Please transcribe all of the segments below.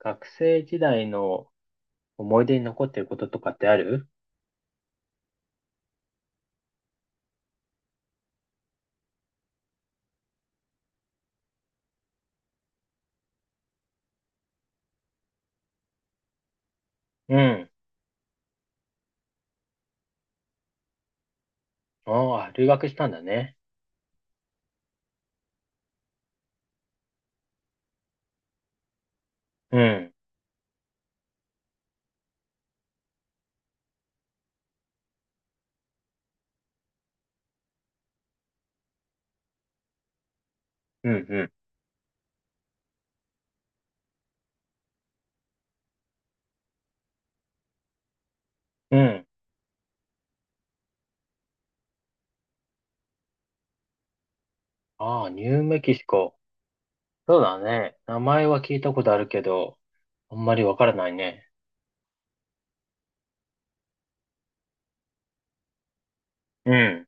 学生時代の思い出に残ってることとかってある？うん。ああ、留学したんだね。うん。うん、うん、うん。ああ、ニューメキシコ。そうだね。名前は聞いたことあるけど、あんまりわからないね。うん。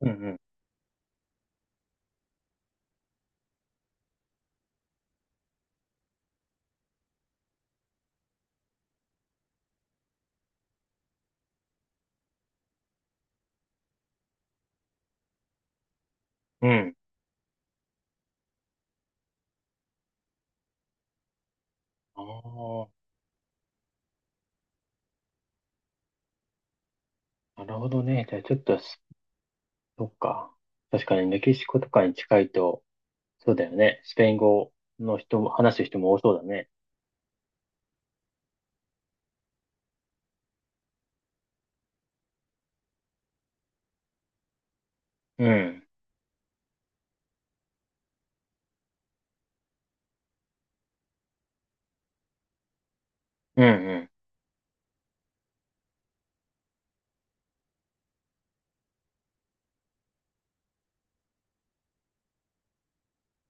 うん、うん、うん。ああ、なるほどね。じゃあちょっとす、そっか。確かにメキシコとかに近いと、そうだよね。スペイン語の人も、話す人も多そうだね。うん。うん、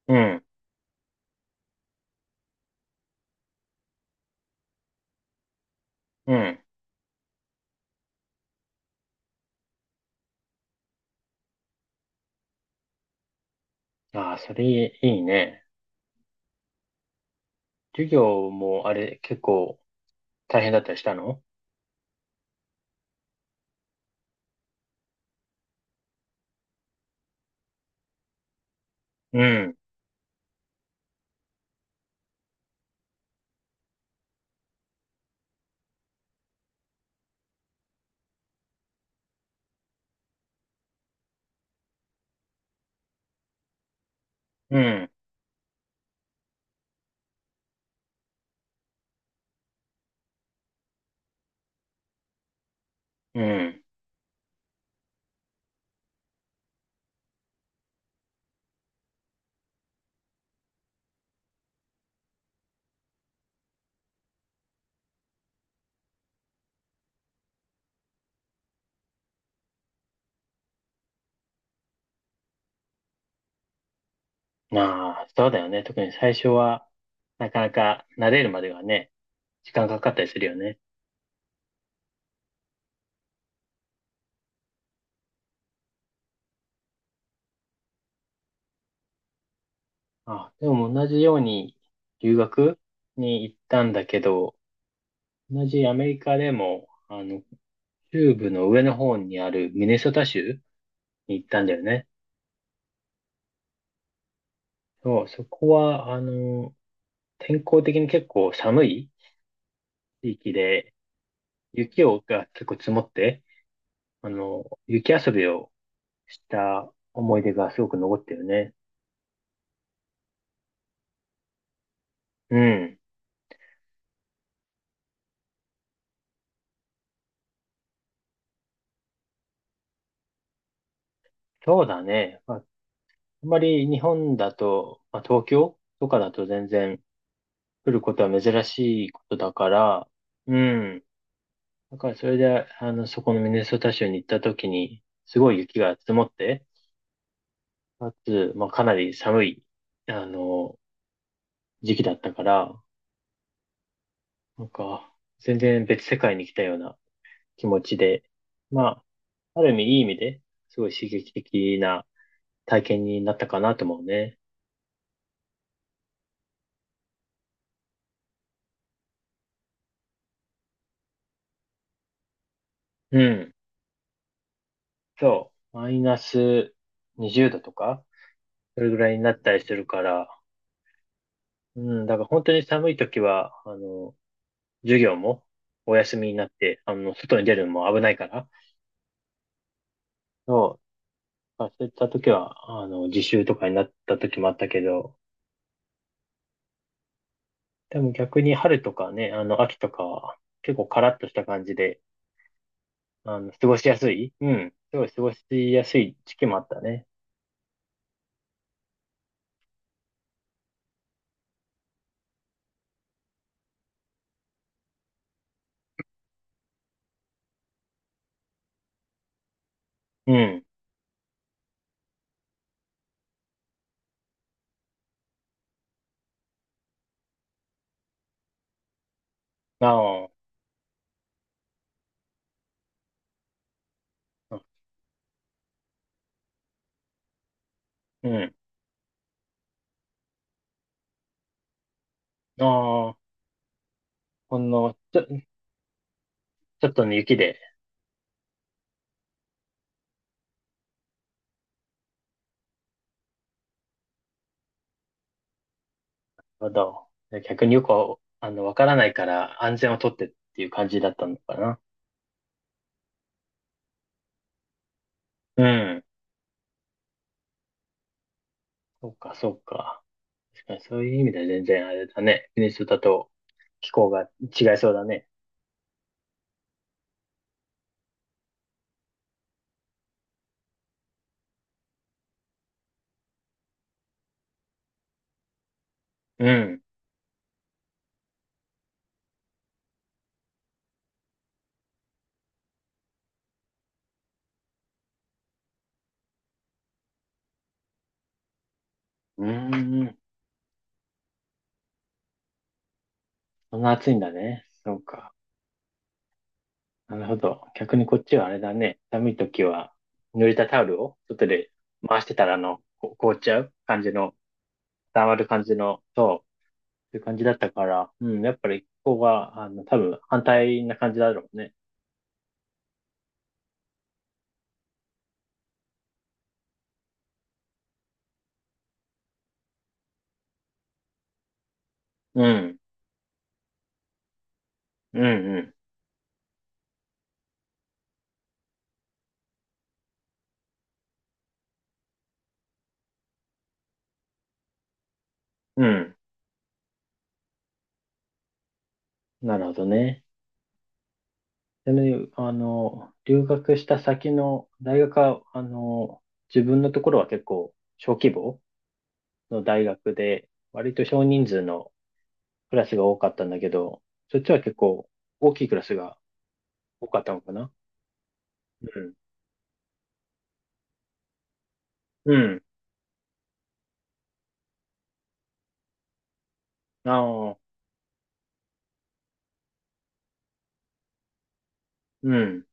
うん。うん、うん。ああ、それいいね。授業もあれ結構大変だったりしたの？うん、うん、うん。まあ、そうだよね。特に最初は、なかなか慣れるまではね、時間かかったりするよね。あ、でも同じように留学に行ったんだけど、同じアメリカでも、中部の上の方にあるミネソタ州に行ったんだよね。そう、そこは、天候的に結構寒い地域で、雪をが結構積もって、雪遊びをした思い出がすごく残ってるね。うん。そうだね。まあ、あんまり日本だと、まあ、東京とかだと全然来ることは珍しいことだから、うん。だからそれで、そこのミネソタ州に行った時に、すごい雪が積もって、かつ、まあ、かなり寒い、あの、時期だったから、なんか、全然別世界に来たような気持ちで、まあ、ある意味いい意味で、すごい刺激的な体験になったかなと思うね。うん。そう。マイナス20度とか、それぐらいになったりするから、うん、だから本当に寒い時は、授業もお休みになって、外に出るのも危ないから、そう。そういった時は、自習とかになった時もあったけど、でも逆に春とかね、秋とかは、結構カラッとした感じで、過ごしやすいうん。すごい過ごしやすい時期もあったね。うん。ああ、うん。ああ、ほんの、ちょ、ちょっとの雪で、まだ、逆によくわ、わからないから安全をとってっていう感じだったのかな。うん。そうか、そうか。確かにそういう意味では全然あれだね。国にだと気候が違いそうだね。うん。うーん。そんな暑いんだね。そうか。なるほど。逆にこっちはあれだね。寒い時は、濡れたタオルを外で回してたら、こ凍っちゃう感じの、溜まる感じの、そう、そういう感じだったから、うん、やっぱりここが、多分反対な感じだろうね。うん、うん、うん、うん。なるほどね。でね、留学した先の大学は、自分のところは結構小規模の大学で、割と少人数のクラスが多かったんだけど、そっちは結構大きいクラスが多かったのかな？うん。うん。ああ、うん。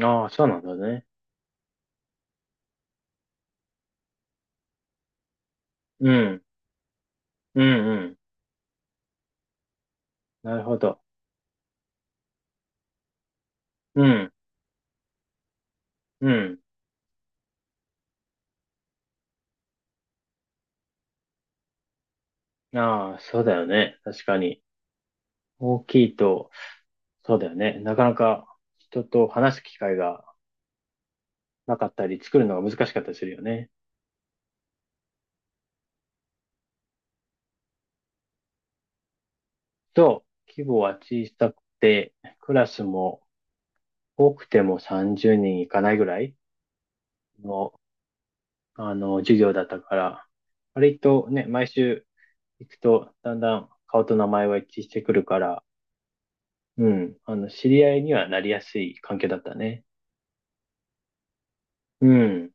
ああ、そうなんだね。うん。うん、うん。なるほど。うん。うん。ああ、そうだよね。確かに。大きいと、そうだよね。なかなか人と話す機会がなかったり、作るのが難しかったりするよね。そう。規模は小さくて、クラスも多くても30人いかないぐらいの授業だったから、割とね、毎週行くと、だんだん顔と名前は一致してくるから、うん、知り合いにはなりやすい関係だったね。うん、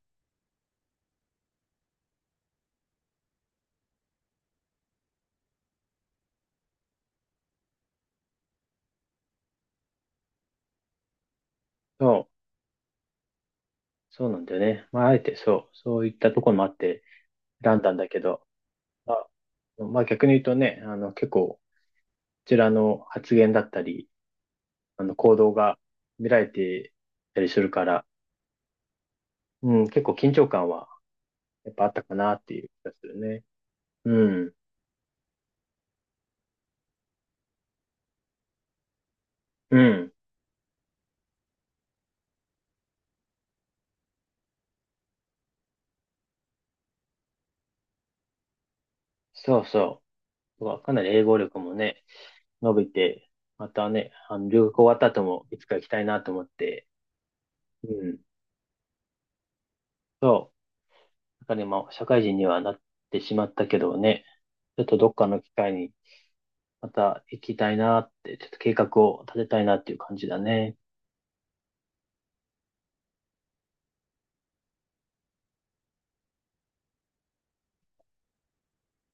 そう、そうなんだよね。まあ、あえてそう、そういったところもあって選んだんだけど、まあまあ逆に言うとね、結構、こちらの発言だったり、行動が見られてたりするから、うん、結構緊張感はやっぱあったかなっていう気がするね。うん、うん、そうそう。はかなり英語力もね、伸びて、またね、留学終わった後もいつか行きたいなと思って、うん。そう。だから今、社会人にはなってしまったけどね、ちょっとどっかの機会にまた行きたいなって、ちょっと計画を立てたいなっていう感じだね。